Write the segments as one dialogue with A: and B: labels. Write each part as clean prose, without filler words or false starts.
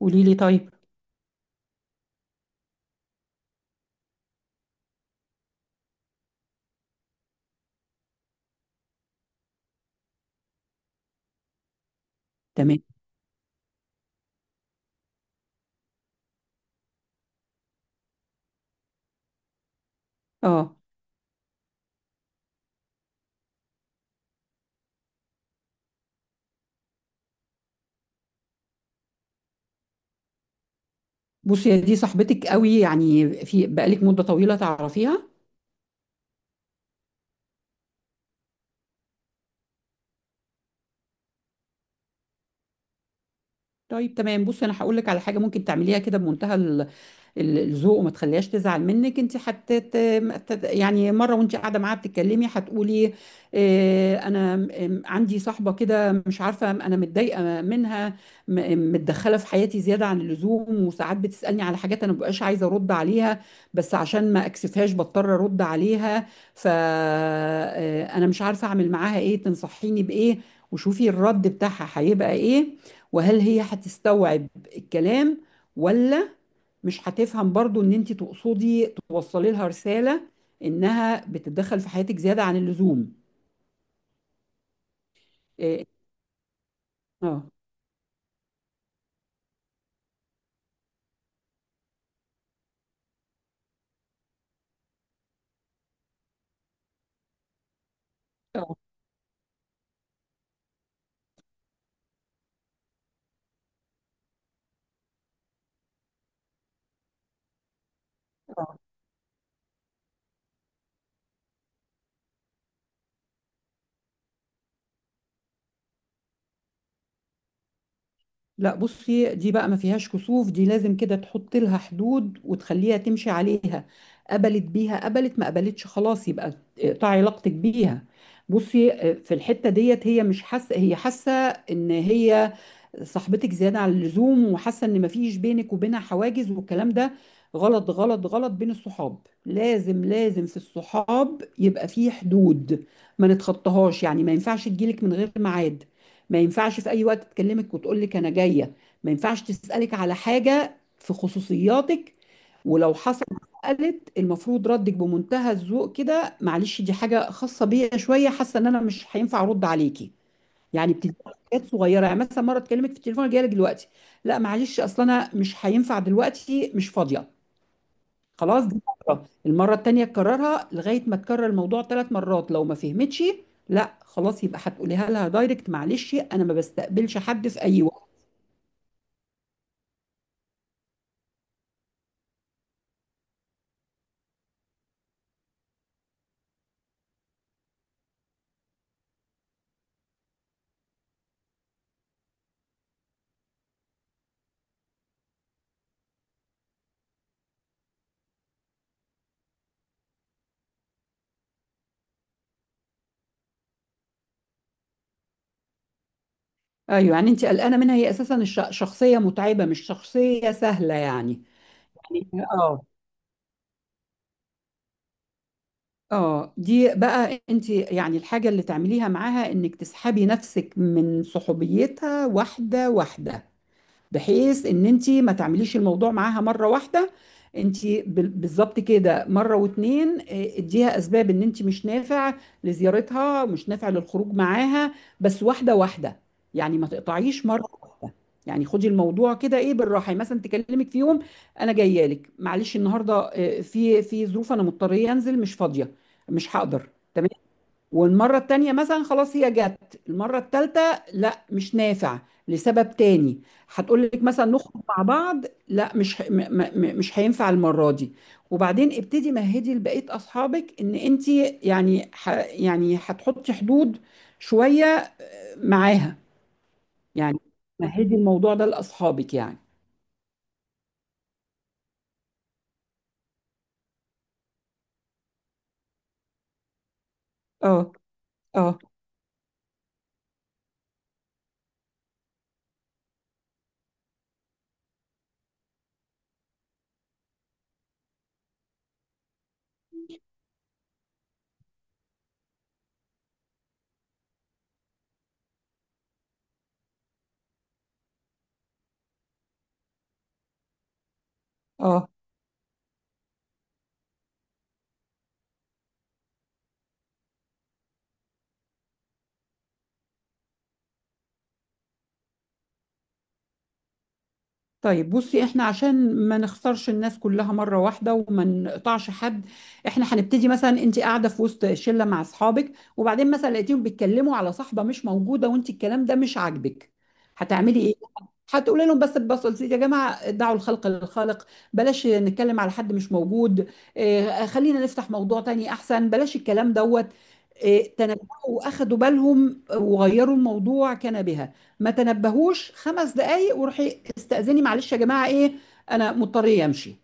A: قولي لي طيب. تمام. اه. بصي، يا دي صاحبتك قوي يعني، في بقالك مدة طويلة تعرفيها؟ طيب تمام. بصي انا هقول لك على حاجة ممكن تعمليها كده، بمنتهى الذوق، وما تخليهاش تزعل منك انت حتى. يعني مره وانت قاعده معاها بتتكلمي هتقولي، انا عندي صاحبه كده، مش عارفه، انا متضايقه منها، متدخله في حياتي زياده عن اللزوم، وساعات بتسالني على حاجات انا مبقاش عايزه ارد عليها، بس عشان ما اكسفهاش بضطر ارد عليها. فانا مش عارفه اعمل معاها ايه، تنصحيني بايه؟ وشوفي الرد بتاعها هيبقى ايه، وهل هي هتستوعب الكلام، ولا مش هتفهم برضو ان انت تقصدي توصلي لها رسالة انها بتتدخل في حياتك زيادة عن اللزوم. إيه، اه. اه. آه. لا، بصي دي بقى ما فيهاش كسوف، دي لازم كده تحط لها حدود وتخليها تمشي عليها. قبلت بيها قبلت، ما قبلتش خلاص يبقى اقطعي علاقتك بيها. بصي في الحتة ديت، هي مش حاسة، هي حاسة ان هي صاحبتك زيادة عن اللزوم، وحاسة ان ما فيش بينك وبينها حواجز، والكلام ده غلط غلط غلط. بين الصحاب لازم لازم في الصحاب يبقى في حدود ما نتخطاهاش، يعني ما ينفعش تجيلك من غير ميعاد، ما ينفعش في اي وقت تكلمك وتقول لك انا جايه، ما ينفعش تسالك على حاجه في خصوصياتك. ولو حصل، قالت المفروض ردك بمنتهى الذوق كده، معلش دي حاجه خاصه بيا شويه، حاسه ان انا مش هينفع ارد عليكي. يعني بتدي حاجات صغيره، يعني مثلا مره تكلمك في التليفون جايه لك دلوقتي، لا معلش اصل انا مش هينفع دلوقتي، مش فاضيه خلاص. دي المرة التانية تكررها، لغاية ما تكرر الموضوع 3 مرات، لو ما فهمتش لا خلاص يبقى هتقوليها لها دايركت، معلش انا ما بستقبلش حد في اي وقت. ايوه، يعني انت قلقانة منها، هي اساسا شخصية متعبة، مش شخصية سهلة يعني. يعني اه. اه دي بقى، انت يعني الحاجة اللي تعمليها معاها انك تسحبي نفسك من صحوبيتها واحدة واحدة، بحيث ان انت ما تعمليش الموضوع معاها مره واحده. انت بالظبط كده، مره واتنين اديها اسباب ان انت مش نافع لزيارتها، مش نافع للخروج معاها، بس واحده واحده، يعني ما تقطعيش مره واحده. يعني خدي الموضوع كده، ايه، بالراحه. يعني مثلا تكلمك في يوم، انا جايه لك، معلش النهارده في ظروف، انا مضطريه انزل، مش فاضيه، مش هقدر. والمرة التانية مثلا خلاص، هي جت المرة التالتة، لا مش نافع، لسبب تاني. هتقول لك مثلا نخرج مع بعض، لا، مش ه- م م م- مش هينفع المرة دي. وبعدين ابتدي مهدي لبقية أصحابك إن أنت، يعني يعني هتحطي حدود شوية معاها. يعني مهدي الموضوع ده لأصحابك يعني. اه. اه. اه. طيب بصي، احنا عشان ما نخسرش الناس كلها مرة واحدة وما نقطعش حد، احنا هنبتدي. مثلا انت قاعدة في وسط شلة مع اصحابك، وبعدين مثلا لقيتيهم بيتكلموا على صاحبة مش موجودة، وانت الكلام ده مش عاجبك، هتعملي ايه؟ هتقولي لهم بس ببساطة، يا جماعة دعوا الخلق للخالق، بلاش نتكلم على حد مش موجود. اه خلينا نفتح موضوع تاني احسن، بلاش الكلام دوت. اه، تنبهوا واخدوا بالهم وغيروا الموضوع، كان بها. ما تنبهوش، 5 دقايق وروحي استأذني، معلش يا جماعة ايه، انا مضطرة امشي.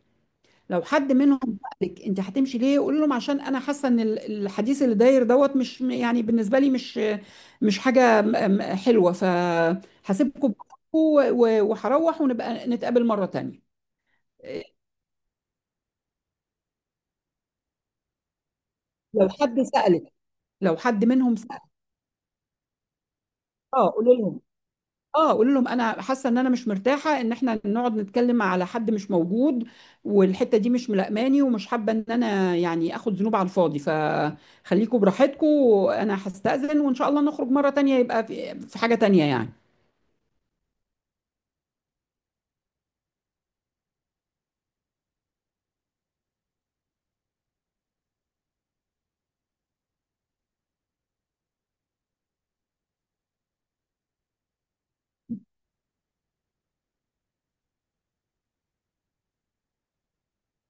A: لو حد منهم قال لك انت هتمشي ليه، قول لهم عشان انا حاسه ان الحديث اللي داير دوت، مش يعني بالنسبه لي، مش حاجه حلوه، فهسيبكم براحتكم وهروح، ونبقى نتقابل مره تانية. إيه، لو حد سألك لو حد منهم سأل. اه. قول لهم، انا حاسه ان انا مش مرتاحه ان احنا نقعد نتكلم على حد مش موجود، والحته دي مش ملائماني، ومش حابه ان انا يعني اخد ذنوب على الفاضي، فخليكم براحتكم، انا هستأذن، وان شاء الله نخرج مره تانية يبقى في حاجه تانية يعني.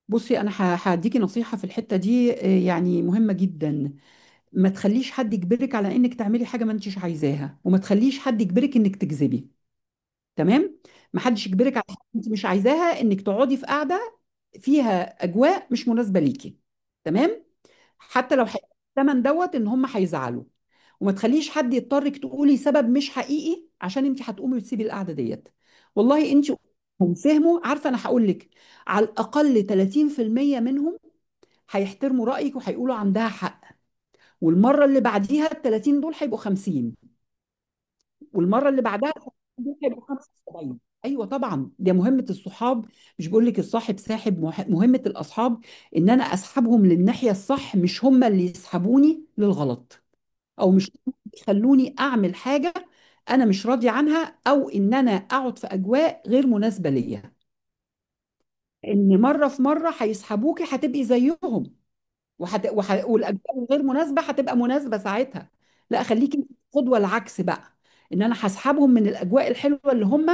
A: بصي انا هديكي نصيحه في الحته دي يعني مهمه جدا. ما تخليش حد يجبرك على انك تعملي حاجه ما انتش عايزاها، وما تخليش حد يجبرك انك تكذبي. تمام. ما حدش يجبرك على حاجه انت مش عايزاها، انك تقعدي في قاعده فيها اجواء مش مناسبه ليكي. تمام. حتى لو هيدفعوا الثمن دوت ان هم هيزعلوا، وما تخليش حد يضطرك تقولي سبب مش حقيقي، عشان انت هتقومي وتسيبي القعده ديت. والله انت، هم فهموا، عارفه انا هقول لك، على الاقل 30% منهم هيحترموا رايك وهيقولوا عندها حق. والمره اللي بعديها ال 30 دول هيبقوا 50، والمره اللي بعدها ممكن يبقى 75. ايوه طبعا، ده مهمه الصحاب، مش بقول لك الصاحب ساحب، مهمه الاصحاب ان انا اسحبهم للناحيه الصح، مش هم اللي يسحبوني للغلط، او مش يخلوني اعمل حاجه انا مش راضي عنها، او ان انا اقعد في اجواء غير مناسبه ليا. ان مره في مره هيسحبوكي، هتبقي زيهم، والاجزاء الغير مناسبه هتبقى مناسبه ساعتها. لا خليكي قدوه العكس بقى، ان انا هسحبهم من الاجواء الحلوه اللي هم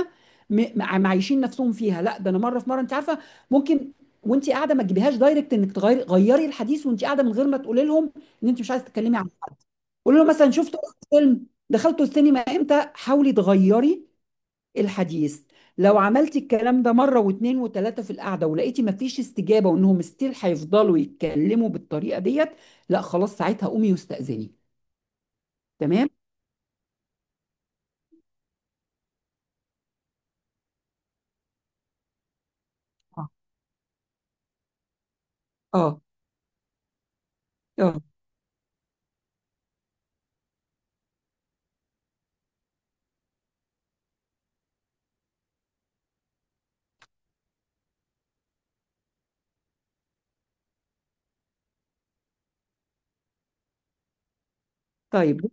A: معيشين نفسهم فيها. لا ده انا مره في مره، انت عارفه، ممكن وانت قاعده ما تجيبيهاش دايركت، انك تغيري، غيري الحديث وانت قاعده، من غير ما تقولي لهم ان انت مش عايزه تتكلمي عنه. قولي له مثلا، شفتوا فيلم، دخلتوا السينما امتى، حاولي تغيري الحديث. لو عملتي الكلام ده مرة واتنين وتلاتة في القعدة، ولقيتي مفيش استجابة وانهم ستيل هيفضلوا يتكلموا بالطريقة ديت، لا خلاص، ساعتها قومي واستأذني. تمام. آه. اه. اه. طيب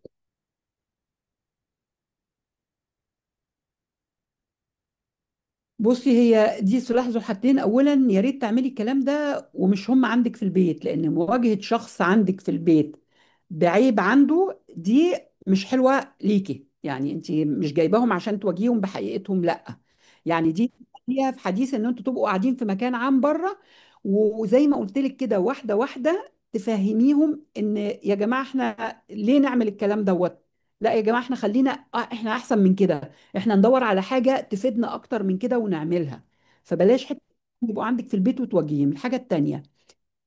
A: بصي، هي دي سلاح ذو حدين. اولا يا ريت تعملي الكلام ده ومش هم عندك في البيت، لان مواجهة شخص عندك في البيت بعيب عنده دي مش حلوة ليكي، يعني انت مش جايباهم عشان تواجهيهم بحقيقتهم، لا. يعني دي فيها، حديث ان انتوا تبقوا قاعدين في مكان عام بره، وزي ما قلت لك كده واحده واحده تفهميهم، ان يا جماعه احنا ليه نعمل الكلام دوت. لا يا جماعه، احنا خلينا آه، احنا احسن من كده، احنا ندور على حاجه تفيدنا اكتر من كده ونعملها. فبلاش حته يبقوا عندك في البيت وتوجهيهم الحاجه التانيه.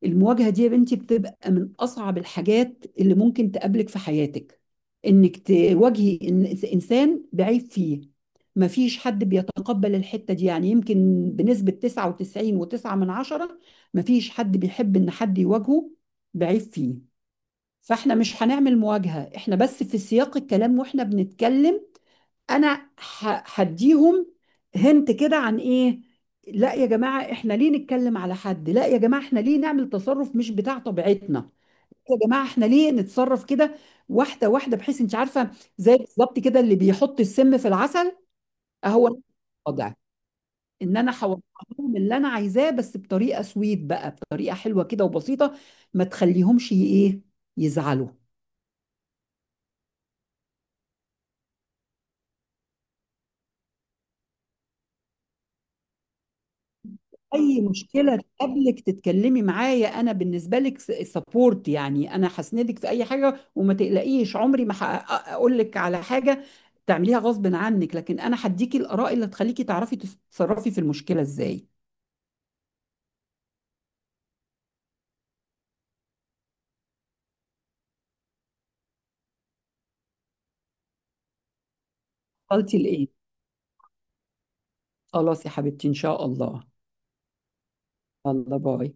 A: المواجهة دي يا بنتي بتبقى من أصعب الحاجات اللي ممكن تقابلك في حياتك، إنك تواجهي إنسان بعيب فيه. مفيش حد بيتقبل الحتة دي، يعني يمكن بنسبة 99 وتسعة من عشرة مفيش حد بيحب إن حد يواجهه بعيب فيه. فإحنا مش هنعمل مواجهة، إحنا بس في سياق الكلام وإحنا بنتكلم. انا هديهم هنت كده عن ايه؟ لا يا جماعه احنا ليه نتكلم على حد، لا يا جماعه احنا ليه نعمل تصرف مش بتاع طبيعتنا، يا جماعه احنا ليه نتصرف كده. واحده واحده، بحيث انت عارفه، زي بالظبط كده اللي بيحط السم في العسل، اهو نفس الوضع. ان انا هوضح لهم اللي انا عايزاه، بس بطريقه سويت بقى، بطريقه حلوه كده وبسيطه، ما تخليهمش ي- ايه يزعلوا. اي مشكله تقابلك تتكلمي معايا، انا بالنسبه لك سبورت، يعني انا هسندك في اي حاجه، وما تقلقيش عمري ما اقول لك على حاجه تعمليها غصب عنك، لكن انا هديكي الاراء اللي تخليكي تعرفي تتصرفي في المشكله ازاي. وصلتي لايه؟ خلاص يا حبيبتي، ان شاء الله. الله، باي.